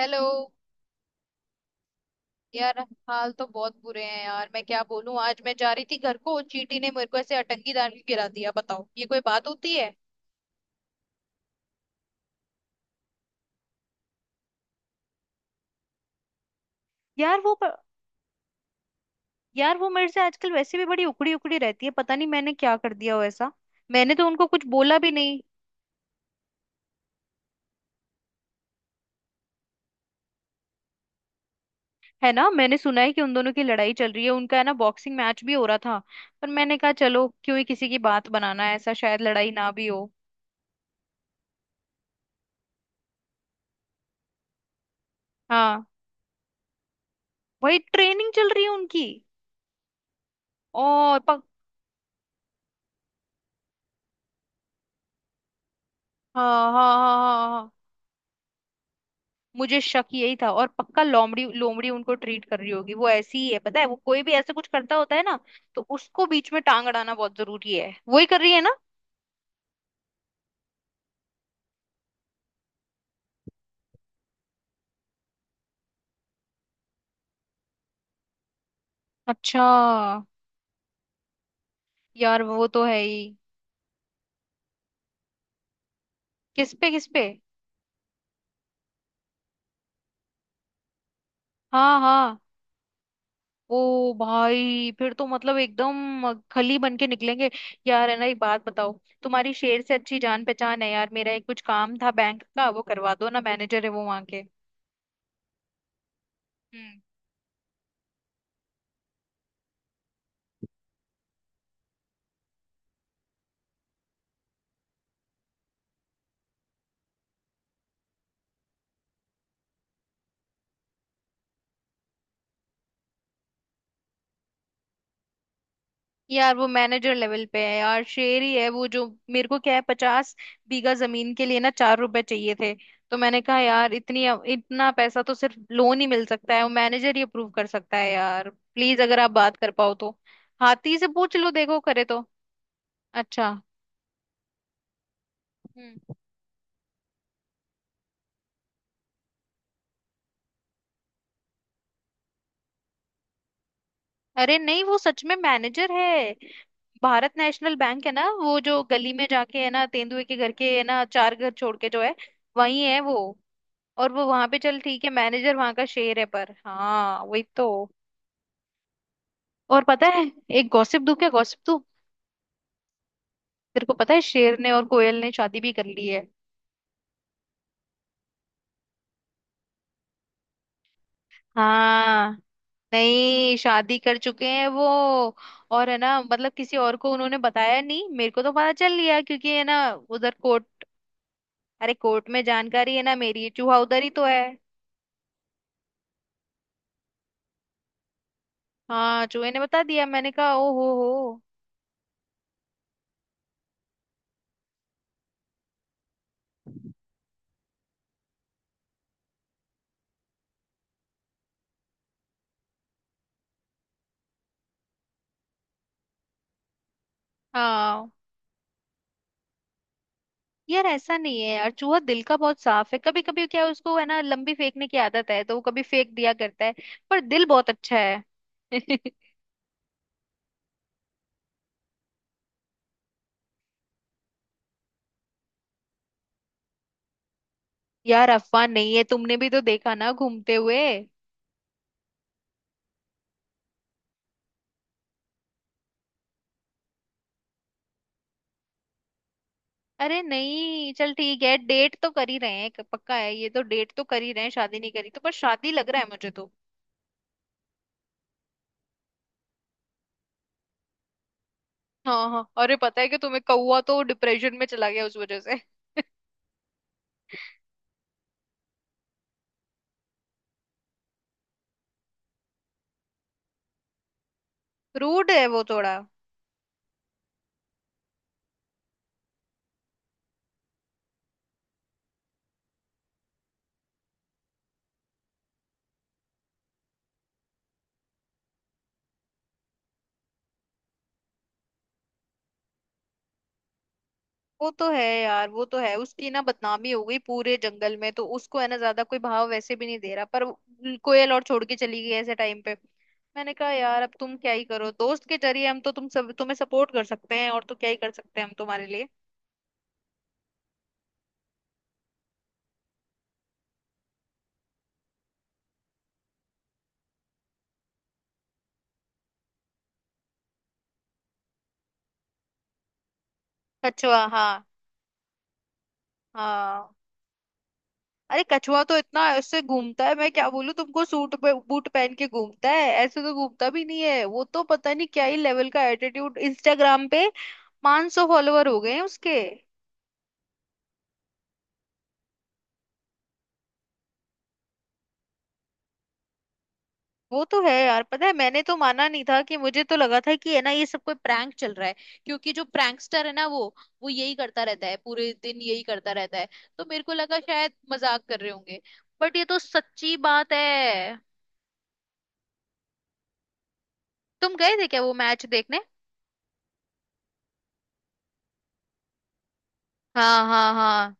Hello. यार, हाल तो बहुत बुरे हैं यार। मैं क्या बोलूं, आज मैं जा रही थी घर को, चींटी ने मेरे को ऐसे अटंगी डाल के गिरा दिया। बताओ, ये कोई बात होती है। यार वो प- यार वो मेरे से आजकल वैसे भी बड़ी उखड़ी उखड़ी रहती है, पता नहीं मैंने क्या कर दिया हो ऐसा। मैंने तो उनको कुछ बोला भी नहीं। है ना, मैंने सुना है कि उन दोनों की लड़ाई चल रही है, उनका है ना बॉक्सिंग मैच भी हो रहा था। पर मैंने कहा चलो क्यों ही किसी की बात बनाना है, ऐसा शायद लड़ाई ना भी हो। हाँ, वही ट्रेनिंग चल रही है उनकी। और पक हाँ हाँ हाँ हाँ हाँ। मुझे शक यही था और पक्का लोमड़ी लोमड़ी उनको ट्रीट कर रही होगी। वो ऐसी ही है, पता है, वो कोई भी ऐसे कुछ करता होता है ना, तो उसको बीच में टांग अड़ाना बहुत जरूरी है। वही कर रही है ना। अच्छा। यार वो तो है ही। किस पे किस पे। हाँ हाँ। ओ भाई, फिर तो मतलब एकदम खली बन के निकलेंगे। यार है ना, एक बात बताओ। तुम्हारी शेर से अच्छी जान पहचान है यार, मेरा एक कुछ काम था बैंक का, वो करवा दो ना। मैनेजर है वो वहां के। हम्म। यार वो मैनेजर लेवल पे है यार, शेर ही है वो। जो मेरे को क्या है, पचास बीघा जमीन के लिए ना चार रुपए चाहिए थे। तो मैंने कहा यार इतनी, इतना पैसा तो सिर्फ लोन ही मिल सकता है, वो मैनेजर ही अप्रूव कर सकता है। यार प्लीज, अगर आप बात कर पाओ तो। हाथी से पूछ लो, देखो करे तो। अच्छा। हम्म। अरे नहीं, वो सच में मैनेजर है। भारत नेशनल बैंक है ना, वो जो गली में जाके है ना, तेंदुए के घर के है ना, चार घर छोड़ के जो है, वही है वो। और वो वहां पे चल, ठीक है, मैनेजर वहां का शेर है, पर हाँ वही तो। और पता है। एक गॉसिप दूं? क्या गॉसिप दूं? तेरे को पता है, शेर ने और कोयल ने शादी भी कर ली है। हाँ। नहीं, शादी कर चुके हैं वो। और है ना, मतलब किसी और को उन्होंने बताया नहीं, मेरे को तो पता चल लिया क्योंकि है ना उधर कोर्ट, अरे कोर्ट में जानकारी है ना मेरी, चूहा उधर ही तो है। हाँ, चूहे ने बता दिया। मैंने कहा ओ हो हो। हाँ। यार ऐसा नहीं है यार, चूहा दिल का बहुत साफ है। कभी कभी क्या है, उसको है ना लंबी फेंकने की आदत है, तो वो कभी फेंक दिया करता है, पर दिल बहुत अच्छा है। यार अफवाह नहीं है, तुमने भी तो देखा ना घूमते हुए। अरे नहीं, चल ठीक है, डेट तो कर ही रहे हैं, पक्का है ये तो, डेट तो कर ही रहे हैं, शादी नहीं करी तो, पर शादी लग रहा है मुझे तो। हाँ हाँ, अरे पता है कि तुम्हें, कौवा तो डिप्रेशन में चला गया उस वजह से। रूड है वो थोड़ा। वो तो है यार, वो तो है, उसकी ना बदनामी हो गई पूरे जंगल में, तो उसको है ना ज्यादा कोई भाव वैसे भी नहीं दे रहा, पर कोयल और छोड़ के चली गई ऐसे टाइम पे। मैंने कहा यार अब तुम क्या ही करो, दोस्त के जरिए हम तो तुम सब तुम्हें सपोर्ट कर सकते हैं, और तो क्या ही कर सकते हैं हम तुम्हारे लिए। कछुआ, हाँ। हाँ। अरे कछुआ तो इतना ऐसे घूमता है, मैं क्या बोलूं तुमको, सूट पे बूट पहन के घूमता है, ऐसे तो घूमता भी नहीं है वो तो, पता नहीं क्या ही लेवल का एटीट्यूड। इंस्टाग्राम पे 500 फॉलोवर हो गए हैं उसके। वो तो है यार। पता है मैंने तो माना नहीं था, कि मुझे तो लगा था कि है ना ये सब कोई प्रैंक चल रहा है, क्योंकि जो प्रैंकस्टर है ना वो यही करता रहता है पूरे दिन, यही करता रहता है। तो मेरे को लगा शायद मजाक कर रहे होंगे, बट ये तो सच्ची बात है। तुम गए थे क्या वो मैच देखने? हाँ हाँ हाँ।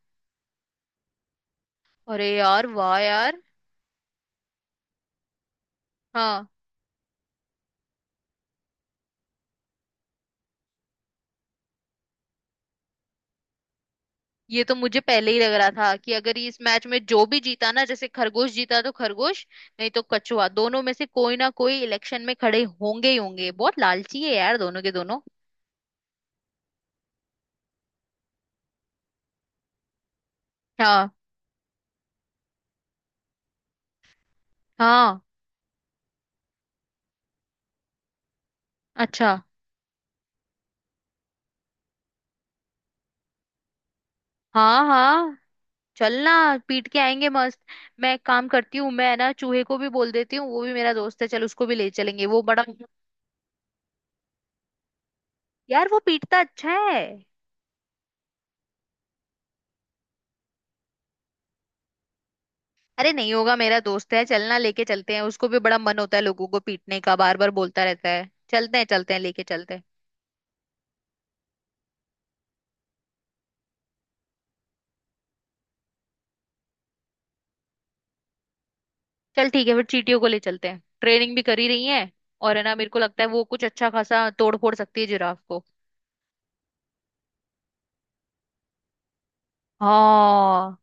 अरे यार, वाह यार। हाँ। ये तो मुझे पहले ही लग रहा था, कि अगर ये इस मैच में जो भी जीता ना, जैसे खरगोश जीता तो खरगोश, नहीं तो कछुआ, दोनों में से कोई ना कोई इलेक्शन में खड़े होंगे ही होंगे, बहुत लालची है यार दोनों के दोनों। हाँ हाँ। अच्छा। हाँ हाँ, चलना। पीट के आएंगे मस्त। मैं एक काम करती हूँ, मैं ना चूहे को भी बोल देती हूँ, वो भी मेरा दोस्त है, चल उसको भी ले चलेंगे, वो बड़ा। यार वो पीटता अच्छा है। अरे नहीं होगा, मेरा दोस्त है, चलना लेके चलते हैं उसको भी, बड़ा मन होता है लोगों को पीटने का, बार बार बोलता रहता है, चलते हैं लेके चलते हैं। चल ठीक है, फिर चींटियों को ले चलते हैं, ट्रेनिंग भी करी रही है, और है ना मेरे को लगता है वो कुछ अच्छा खासा तोड़ फोड़ सकती है जिराफ को। हाँ।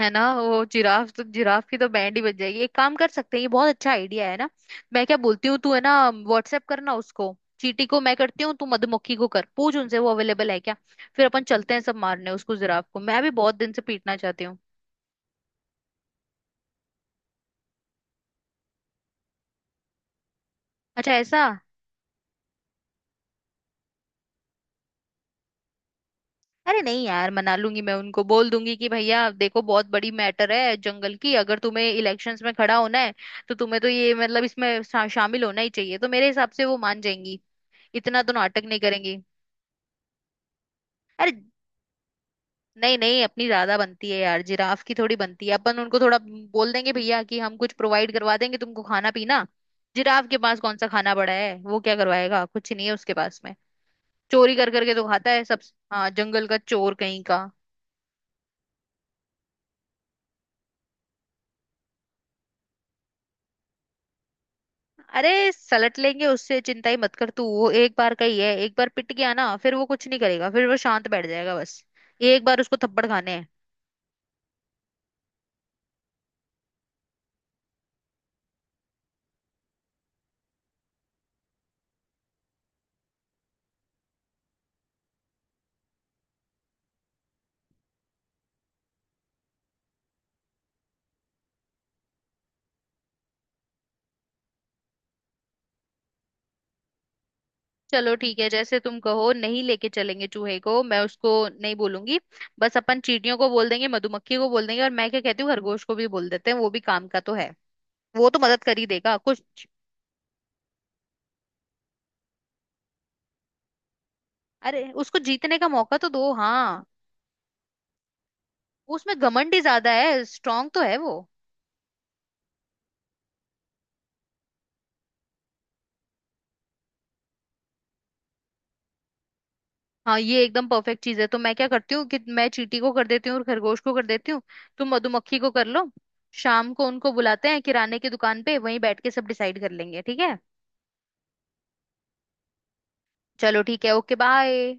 है ना, वो जिराफ तो, जिराफ की तो बैंड ही बज जाएगी। एक काम कर सकते हैं, ये बहुत अच्छा आइडिया है ना। मैं क्या बोलती हूँ, तू है ना व्हाट्सएप करना उसको, चींटी को मैं करती हूँ, तू मधुमक्खी को कर, पूछ उनसे वो अवेलेबल है क्या। फिर अपन चलते हैं सब मारने उसको, जिराफ को मैं भी बहुत दिन से पीटना चाहती हूँ। अच्छा, ऐसा? अरे नहीं यार, मना लूंगी मैं उनको, बोल दूंगी कि भैया देखो बहुत बड़ी मैटर है जंगल की, अगर तुम्हें इलेक्शंस में खड़ा होना है तो तुम्हें तो ये मतलब इसमें शामिल होना ही चाहिए, तो मेरे हिसाब से वो मान जाएंगी। इतना तो नाटक नहीं करेंगी। अरे नहीं नहीं, अपनी ज्यादा बनती है यार, जिराफ की थोड़ी बनती है। अपन उनको थोड़ा बोल देंगे भैया कि हम कुछ प्रोवाइड करवा देंगे तुमको, खाना पीना। जिराफ के पास कौन सा खाना पड़ा है, वो क्या करवाएगा, कुछ नहीं है उसके पास में, चोरी कर करके तो खाता है सब। हाँ, जंगल का चोर कहीं का। अरे सलट लेंगे उससे, चिंता ही मत कर तू। वो एक बार का ही है, एक बार पिट गया ना फिर वो कुछ नहीं करेगा, फिर वो शांत बैठ जाएगा बस। एक बार उसको थप्पड़ खाने हैं। चलो ठीक है, जैसे तुम कहो, नहीं लेके चलेंगे चूहे को, मैं उसको नहीं बोलूंगी। बस अपन चींटियों को बोल देंगे, मधुमक्खी को बोल देंगे, और मैं क्या कहती हूँ, खरगोश को भी बोल देते हैं, वो भी काम का तो है। वो तो मदद कर ही देगा कुछ। अरे उसको जीतने का मौका तो दो, हाँ। उसमें घमंड ही ज्यादा है, स्ट्रांग तो है वो। हाँ, ये एकदम परफेक्ट चीज है। तो मैं क्या करती हूँ कि मैं चींटी को कर देती हूँ और खरगोश को कर देती हूँ, तुम मधुमक्खी को कर लो। शाम को उनको बुलाते हैं किराने की दुकान पे, वहीं बैठ के सब डिसाइड कर लेंगे, ठीक है। चलो ठीक है, ओके बाय।